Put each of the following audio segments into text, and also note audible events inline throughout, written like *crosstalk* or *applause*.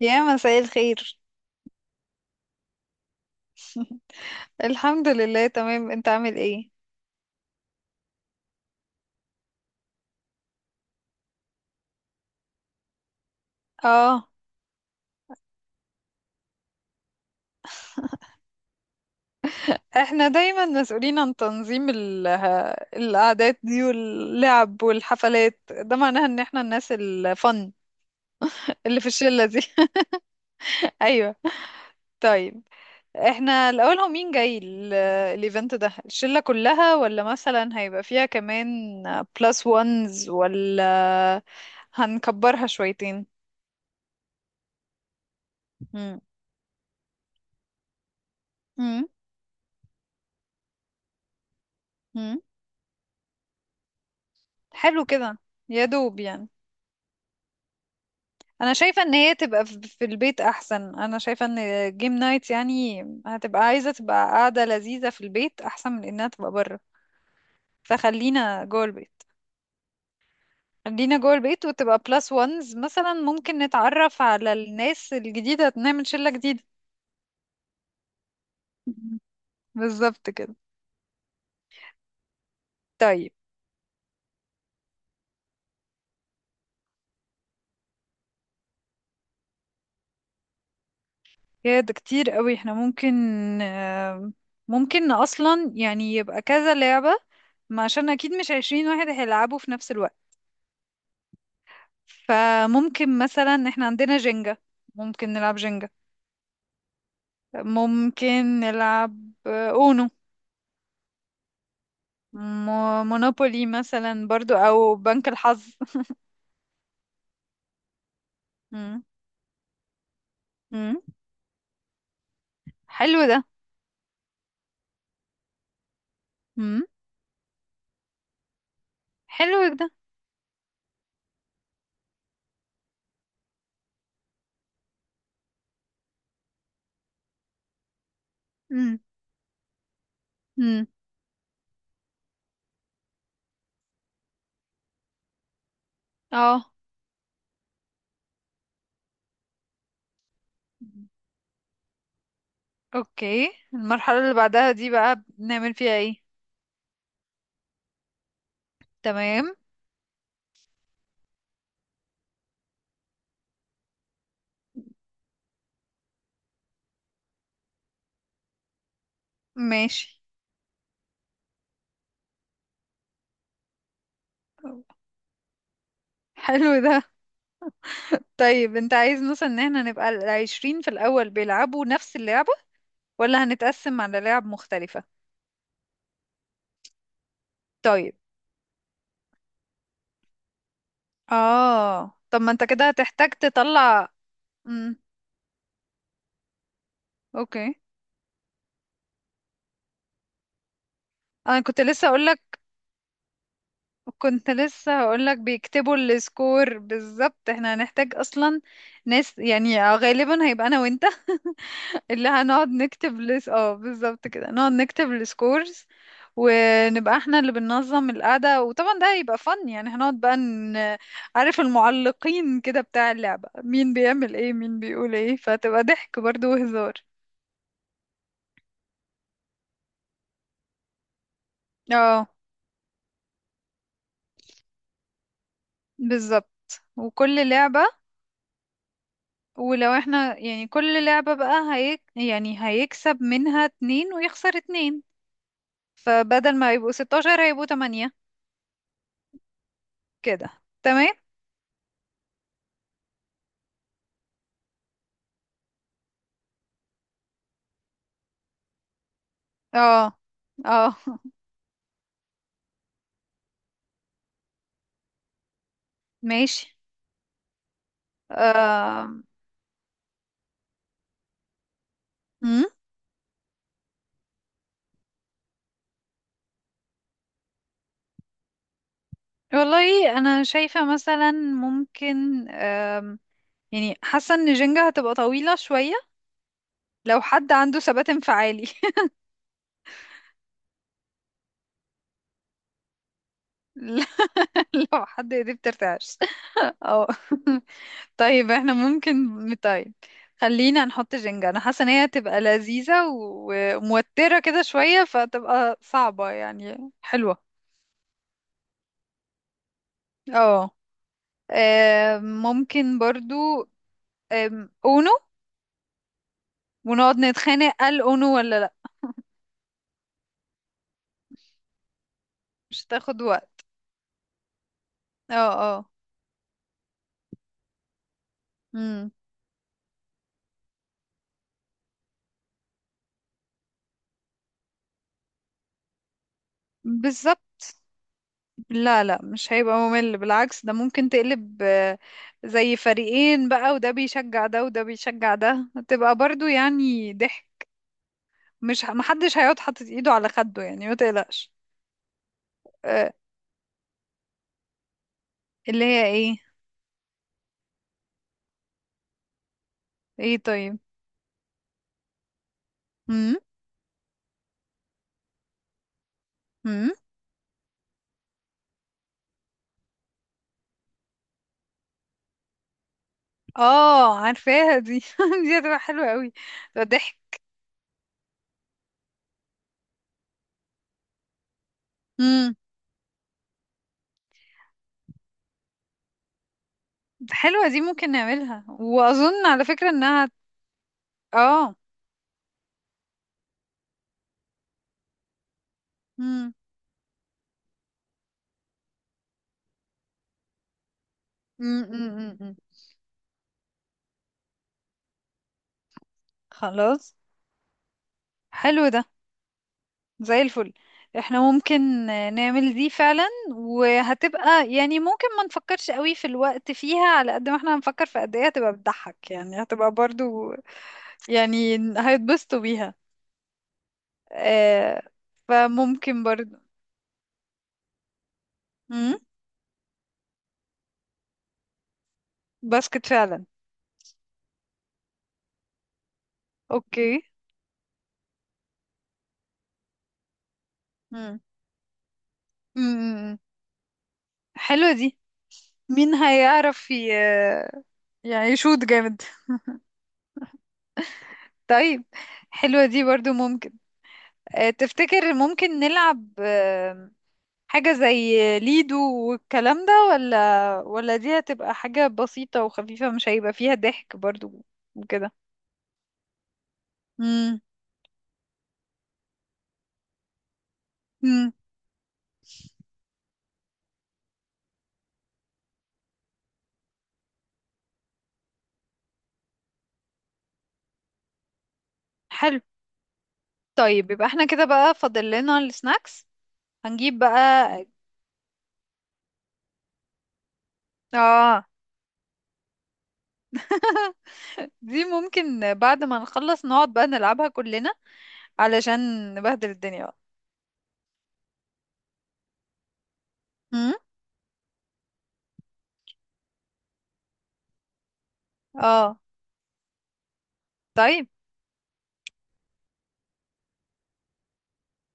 يا مساء الخير. الحمد لله، تمام. انت عامل ايه؟ اه. احنا دايما مسؤولين عن تنظيم *laughs* الاعداد دي واللعب والحفلات، ده معناها ان احنا الناس الفن اللي في الشلة دي. *laughs* ايوه. طيب، احنا الاول، هو مين جاي *laughs* الايفنت ده؟ الشلة كلها ولا مثلا هيبقى فيها كمان بلس وانز، ولا هنكبرها شويتين؟ مم. مم. مم. حلو كده. يا دوب يعني. انا شايفه ان هي تبقى في البيت احسن. انا شايفه ان جيم نايت يعني هتبقى عايزه تبقى قاعده لذيذه في البيت احسن من انها تبقى بره، فخلينا جوه البيت. خلينا جوه البيت وتبقى بلس وانز مثلا، ممكن نتعرف على الناس الجديده، نعمل شله جديده. مم. بالظبط كده. طيب، يا ده كتير قوي. احنا آم، ممكن اصلا يعني يبقى كذا لعبه، ما عشان اكيد مش 20 واحد هيلعبوا في نفس الوقت. فممكن مثلا احنا عندنا جينجا، ممكن نلعب جينجا. ممكن نلعب اونو. مونوبولي مثلا برضو، او بنك الحظ. مم. مم. حلو ده. مم. حلو ده. مم. مم. اه. اوكي، المرحلة اللي بعدها دي بقى بنعمل فيها ايه؟ تمام. ماشي. حلو ده. طيب، انت عايز مثلا ان احنا نبقى العشرين في الاول بيلعبوا نفس اللعبة ولا هنتقسم على لعب مختلفة؟ طيب. اه. طب ما انت كده هتحتاج تطلع. امم اوكي. انا كنت لسه اقولك. كنت لسه هقولك بيكتبوا السكور بالظبط. احنا هنحتاج اصلا ناس، يعني غالبا هيبقى انا وانت. *laughs* اللي هنقعد نكتب لس اه بالظبط كده نقعد نكتب السكورز، ونبقى احنا اللي بننظم القعدة، وطبعا ده هيبقى فن يعني. هنقعد بقى عارف المعلقين كده بتاع اللعبة، مين بيعمل ايه، مين بيقول ايه، فتبقى ضحك برضو وهزار. اه، بالظبط. وكل لعبة، ولو احنا يعني كل لعبة بقى هيك يعني هيكسب منها اتنين ويخسر اتنين، فبدل ما يبقوا 16 هيبقوا تمانية كده. تمام. اه. اه. *laughs* ماشي. آم، مم. والله انا شايفة مثلا ممكن يعني حاسة ان جينجا هتبقى طويلة شوية لو حد عنده ثبات انفعالي. *laughs* لو حد ايديه بترتعش. اه. *laughs* طيب، احنا ممكن. طيب، خلينا نحط جينجا. انا حاسه ان هي هتبقى لذيذه وموتره كده شويه، فتبقى صعبه يعني، حلوه. اه. ممكن برضو اونو. ونقعد نتخانق قال اونو ولا لا. مش تاخد وقت. اه. اه. امم بالظبط. لا لا، مش هيبقى ممل، بالعكس. ده ممكن تقلب زي فريقين بقى، وده بيشجع ده وده بيشجع ده، هتبقى برضو يعني ضحك. مش ه- محدش هيقعد حاطط ايده على خده يعني، ما تقلقش. آه، اللي هي ايه؟ ايه؟ طيب. امم امم اه، عارفاها دي. *laughs* دي هتبقى حلوة قوي، تبقى ضحك. امم حلوة دي، ممكن نعملها، واظن على فكرة انها. اه امم أمم. خلاص. حلو ده، زي الفل. احنا ممكن نعمل دي فعلا. وهتبقى يعني، ممكن ما نفكرش قوي في الوقت فيها على قد ما احنا هنفكر في قد ايه هتبقى بتضحك يعني، هتبقى برضو يعني هيتبسطوا بيها. آه فممكن برضو. مم؟ باسكت فعلا. اوكي. مم. مم. حلوة دي. مين هيعرف يعني يشوط جامد. *laughs* طيب. حلوة دي برضو ممكن. تفتكر ممكن نلعب حاجة زي ليدو والكلام ده، ولا دي هتبقى حاجة بسيطة وخفيفة مش هيبقى فيها ضحك برضو وكده. مم. مم. حلو. طيب، يبقى احنا كده بقى فاضل لنا السناكس، هنجيب بقى. اه. *laughs* دي ممكن بعد ما نخلص نقعد بقى نلعبها كلنا علشان نبهدل الدنيا بقى. امم اه. طيب.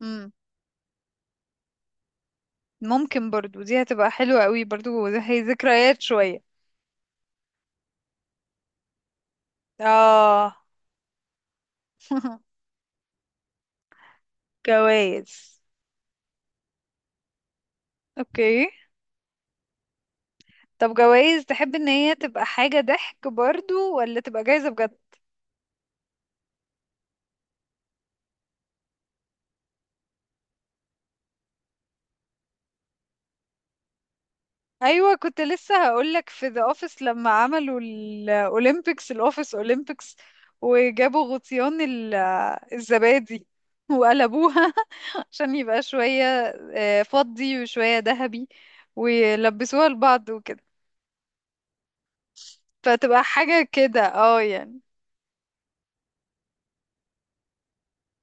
امم ممكن برضو دي هتبقى حلوة قوي برضو، هي ذكريات شوية. اه. *laughs* جوايز؟ اوكي. طب جوايز، تحب ان هي تبقى حاجة ضحك برضو ولا تبقى جايزة بجد؟ ايوه، كنت لسه هقولك. في ذا اوفيس لما عملوا الاولمبيكس، الاوفيس اولمبيكس، وجابوا غطيان الزبادي وقلبوها. *laughs* عشان يبقى شويه فضي وشويه ذهبي، ويلبسوها لبعض وكده، فتبقى حاجه كده، اه يعني.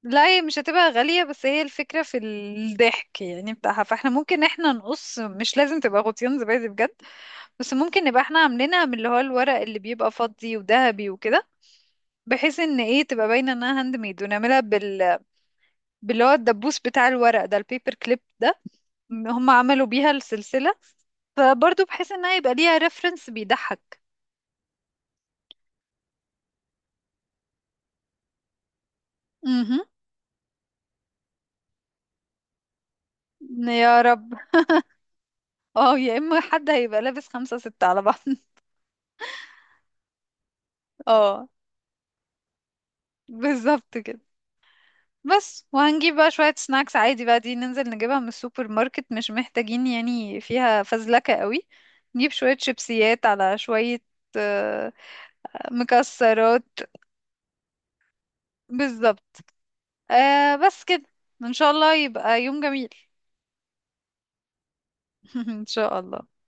لا، هي مش هتبقى غاليه، بس هي الفكره في الضحك يعني بتاعها. فاحنا ممكن احنا نقص، مش لازم تبقى غطيان زبادي بجد. بس ممكن نبقى احنا عاملينها من اللي هو الورق اللي بيبقى فضي وذهبي وكده، بحيث ان ايه تبقى باينه انها هاند ميد، ونعملها باللي هو الدبوس بتاع الورق ده، البيبر كليب ده. هم عملوا بيها السلسله، فبرضه بحيث انها يبقى ليها ريفرنس بيضحك. امم يا رب. اه، يا اما حد هيبقى لابس خمسة ستة على بعض. *laughs* اه، بالظبط كده. بس، وهنجيب بقى شوية سناكس عادي بقى، دي ننزل نجيبها من السوبر ماركت، مش محتاجين يعني فيها فزلكة قوي. نجيب شوية شيبسيات، على شوية آه، مكسرات. بالظبط. بس كده، ان شاء الله يبقى يوم جميل. *laughs* ان شاء الله.